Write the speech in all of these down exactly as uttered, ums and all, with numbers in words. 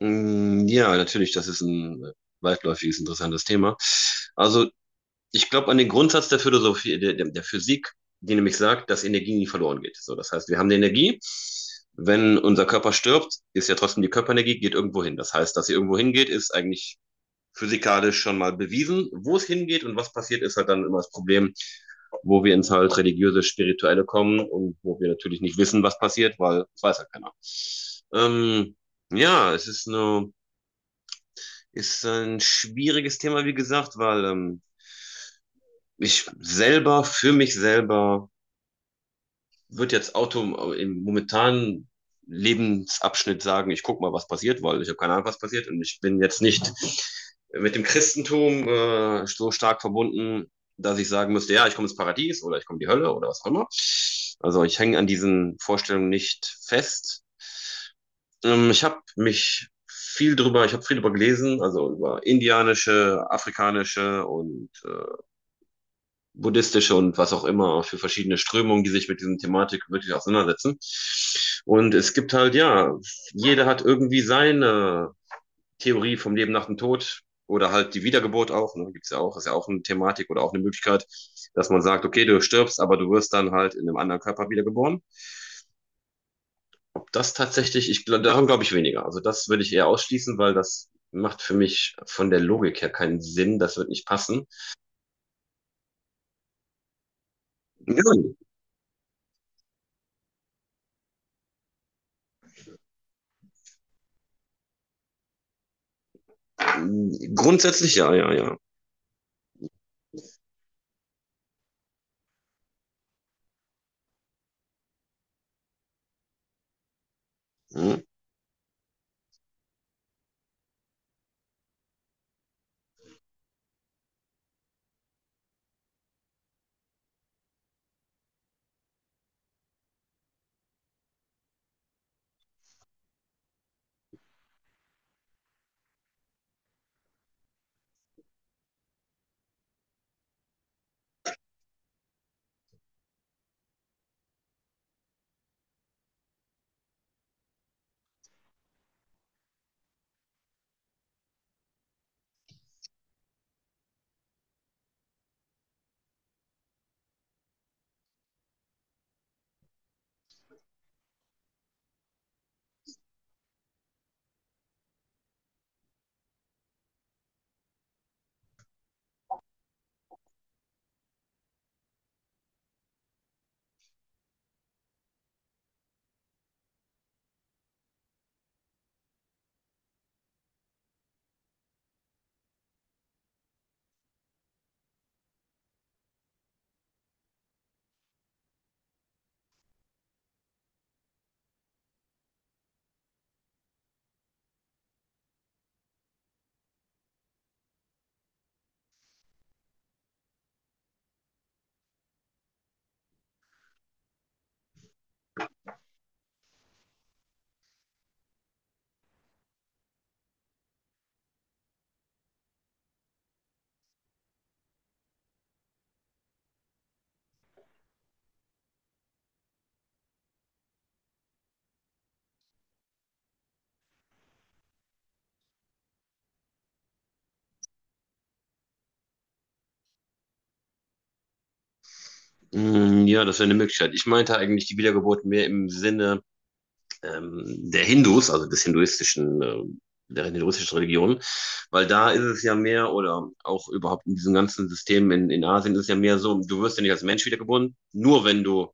Mm, ja, natürlich, das ist ein äh, weitläufiges, interessantes Thema. Also, ich glaube an den Grundsatz der Philosophie, der, der der Physik, die nämlich sagt, dass Energie nie verloren geht. So, das heißt, wir haben die Energie. Wenn unser Körper stirbt, ist ja trotzdem die Körperenergie, geht irgendwo hin. Das heißt, dass sie irgendwo hingeht, ist eigentlich physikalisch schon mal bewiesen. Wo es hingeht und was passiert, ist halt dann immer das Problem, wo wir ins halt religiöse, spirituelle kommen und wo wir natürlich nicht wissen, was passiert, weil das weiß ja keiner. Ähm, ja, es ist eine. Ist äh, ein schwieriges Thema, wie gesagt, weil ähm, ich selber, für mich selber, würde jetzt Auto äh, im momentanen Lebensabschnitt sagen, ich guck mal, was passiert, weil ich habe keine Ahnung, was passiert und ich bin jetzt nicht mit dem Christentum äh, so stark verbunden, dass ich sagen müsste, ja, ich komme ins Paradies oder ich komme in die Hölle oder was auch immer. Also ich hänge an diesen Vorstellungen nicht fest. Ähm, ich habe mich viel drüber, ich habe viel drüber gelesen, also über indianische, afrikanische und äh, buddhistische und was auch immer für verschiedene Strömungen, die sich mit diesen Thematik wirklich auseinandersetzen. Und es gibt halt, ja, jeder hat irgendwie seine Theorie vom Leben nach dem Tod oder halt die Wiedergeburt auch, ne, gibt's ja auch, ist ja auch eine Thematik oder auch eine Möglichkeit, dass man sagt, okay, du stirbst, aber du wirst dann halt in einem anderen Körper wiedergeboren. Ob das tatsächlich, ich glaube, daran glaube ich weniger. Also das würde ich eher ausschließen, weil das macht für mich von der Logik her keinen Sinn. Das wird nicht passen. Ja, grundsätzlich ja, ja, ja. Hm. Hm, ja, das wäre eine Möglichkeit. Ich meinte eigentlich die Wiedergeburt mehr im Sinne ähm, der Hindus, also des hinduistischen, äh, der hinduistischen Religion, weil da ist es ja mehr oder auch überhaupt in diesem ganzen System in, in Asien ist es ja mehr so, du wirst ja nicht als Mensch wiedergeboren, nur wenn du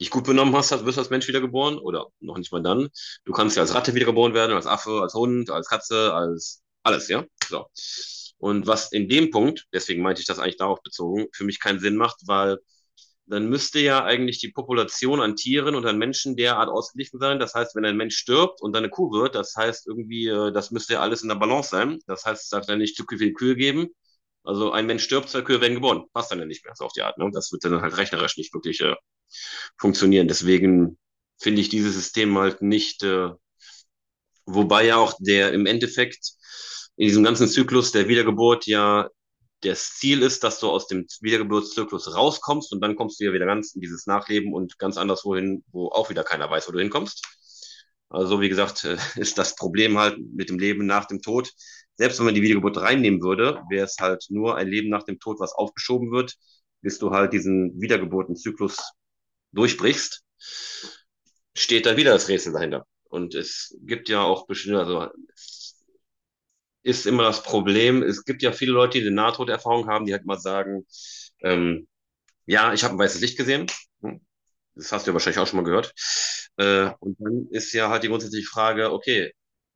dich gut benommen hast, wirst du als Mensch wiedergeboren oder noch nicht mal dann. Du kannst ja als Ratte wiedergeboren werden, als Affe, als Hund, als Katze, als alles, ja? So. Und was in dem Punkt, deswegen meinte ich das eigentlich darauf bezogen, für mich keinen Sinn macht, weil dann müsste ja eigentlich die Population an Tieren und an Menschen derart ausgeglichen sein. Das heißt, wenn ein Mensch stirbt und dann eine Kuh wird, das heißt irgendwie, äh, das müsste ja alles in der Balance sein. Das heißt, es darf dann nicht zu viele Kühe geben. Also ein Mensch stirbt, zwei Kühe werden geboren. Passt dann ja nicht mehr, so auf die Art. Ne? Das wird dann halt rechnerisch nicht wirklich äh, funktionieren. Deswegen finde ich dieses System halt nicht, äh, wobei ja auch der im Endeffekt in diesem ganzen Zyklus der Wiedergeburt ja das Ziel ist, dass du aus dem Wiedergeburtszyklus rauskommst und dann kommst du ja wieder ganz in dieses Nachleben und ganz anderswo hin, wo auch wieder keiner weiß, wo du hinkommst. Also wie gesagt, äh, ist das Problem halt mit dem Leben nach dem Tod. Selbst wenn man die Wiedergeburt reinnehmen würde, wäre es halt nur ein Leben nach dem Tod, was aufgeschoben wird, bis du halt diesen Wiedergeburtenzyklus durchbrichst, steht da wieder das Rätsel dahinter. Und es gibt ja auch bestimmte, also ist immer das Problem. Es gibt ja viele Leute, die eine Nahtoderfahrung haben, die halt mal sagen, ähm, ja, ich habe ein weißes Licht gesehen. Hm, das hast du ja wahrscheinlich auch schon mal gehört. Äh, und dann ist ja halt die grundsätzliche Frage, okay,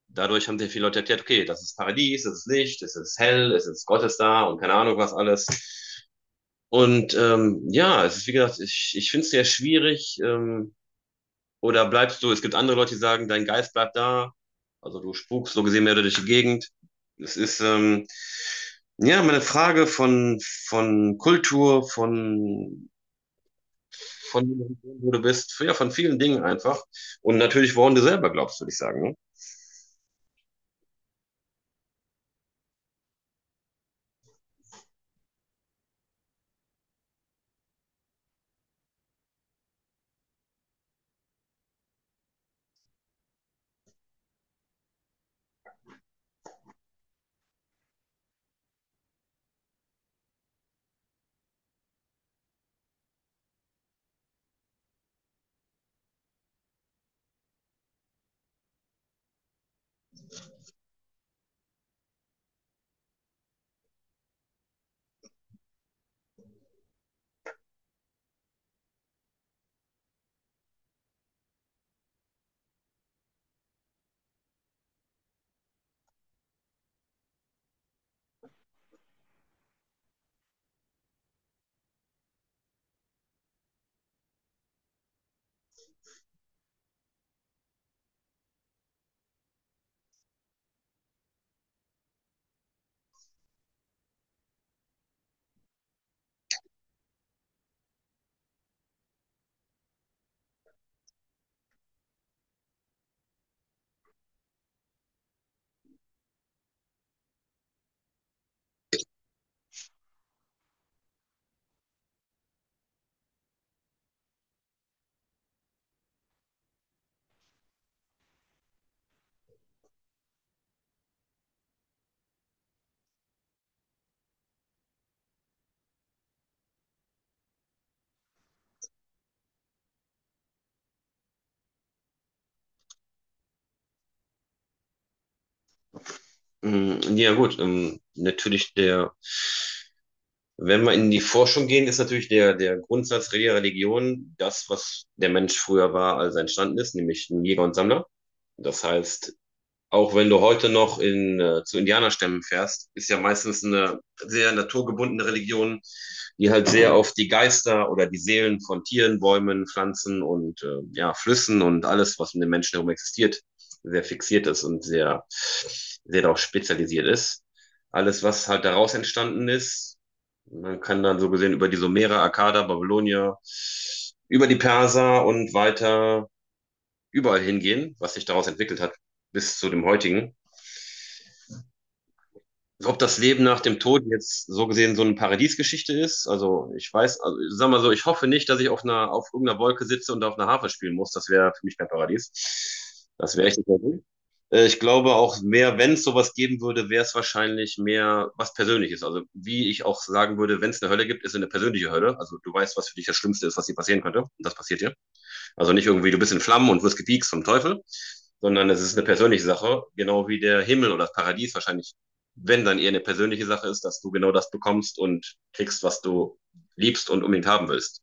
dadurch haben sehr viele Leute erklärt, okay, das ist Paradies, das ist Licht, es ist hell, es ist Gott ist da und keine Ahnung was alles. Und ähm, ja, es ist wie gesagt, ich, ich finde es sehr schwierig, ähm, oder bleibst du, es gibt andere Leute, die sagen, dein Geist bleibt da, also du spukst so gesehen mehr durch die Gegend. Es ist ähm, ja meine Frage von, von Kultur, von, von wo du bist, ja, von vielen Dingen einfach. Und natürlich, woran du selber glaubst, würde ich sagen. Ne? Mm, ja, gut, ähm, natürlich der, wenn wir in die Forschung gehen, ist natürlich der, der Grundsatz jeder Religion das, was der Mensch früher war, als er entstanden ist, nämlich ein Jäger und Sammler. Das heißt, auch wenn du heute noch in, äh, zu Indianerstämmen fährst, ist ja meistens eine sehr naturgebundene Religion, die halt sehr auf die Geister oder die Seelen von Tieren, Bäumen, Pflanzen und äh, ja, Flüssen und alles, was um den Menschen herum existiert, sehr fixiert ist und sehr, sehr darauf spezialisiert ist. Alles, was halt daraus entstanden ist, man kann dann so gesehen über die Sumerer, Akkader, Babylonier, über die Perser und weiter überall hingehen, was sich daraus entwickelt hat bis zu dem heutigen. Ob das Leben nach dem Tod jetzt so gesehen so eine Paradiesgeschichte ist. Also ich weiß, also ich sag mal so, ich hoffe nicht, dass ich auf einer, auf irgendeiner Wolke sitze und auf einer Harfe spielen muss. Das wäre für mich kein Paradies. Das wäre echt nicht mehr gut. Äh, Ich glaube auch mehr, wenn es sowas geben würde, wäre es wahrscheinlich mehr was Persönliches. Also wie ich auch sagen würde, wenn es eine Hölle gibt, ist es eine persönliche Hölle. Also du weißt, was für dich das Schlimmste ist, was dir passieren könnte. Und das passiert dir. Also nicht irgendwie, du bist in Flammen und wirst gepiekst vom Teufel, sondern es ist eine persönliche Sache, genau wie der Himmel oder das Paradies wahrscheinlich, wenn dann eher eine persönliche Sache ist, dass du genau das bekommst und kriegst, was du liebst und unbedingt haben willst.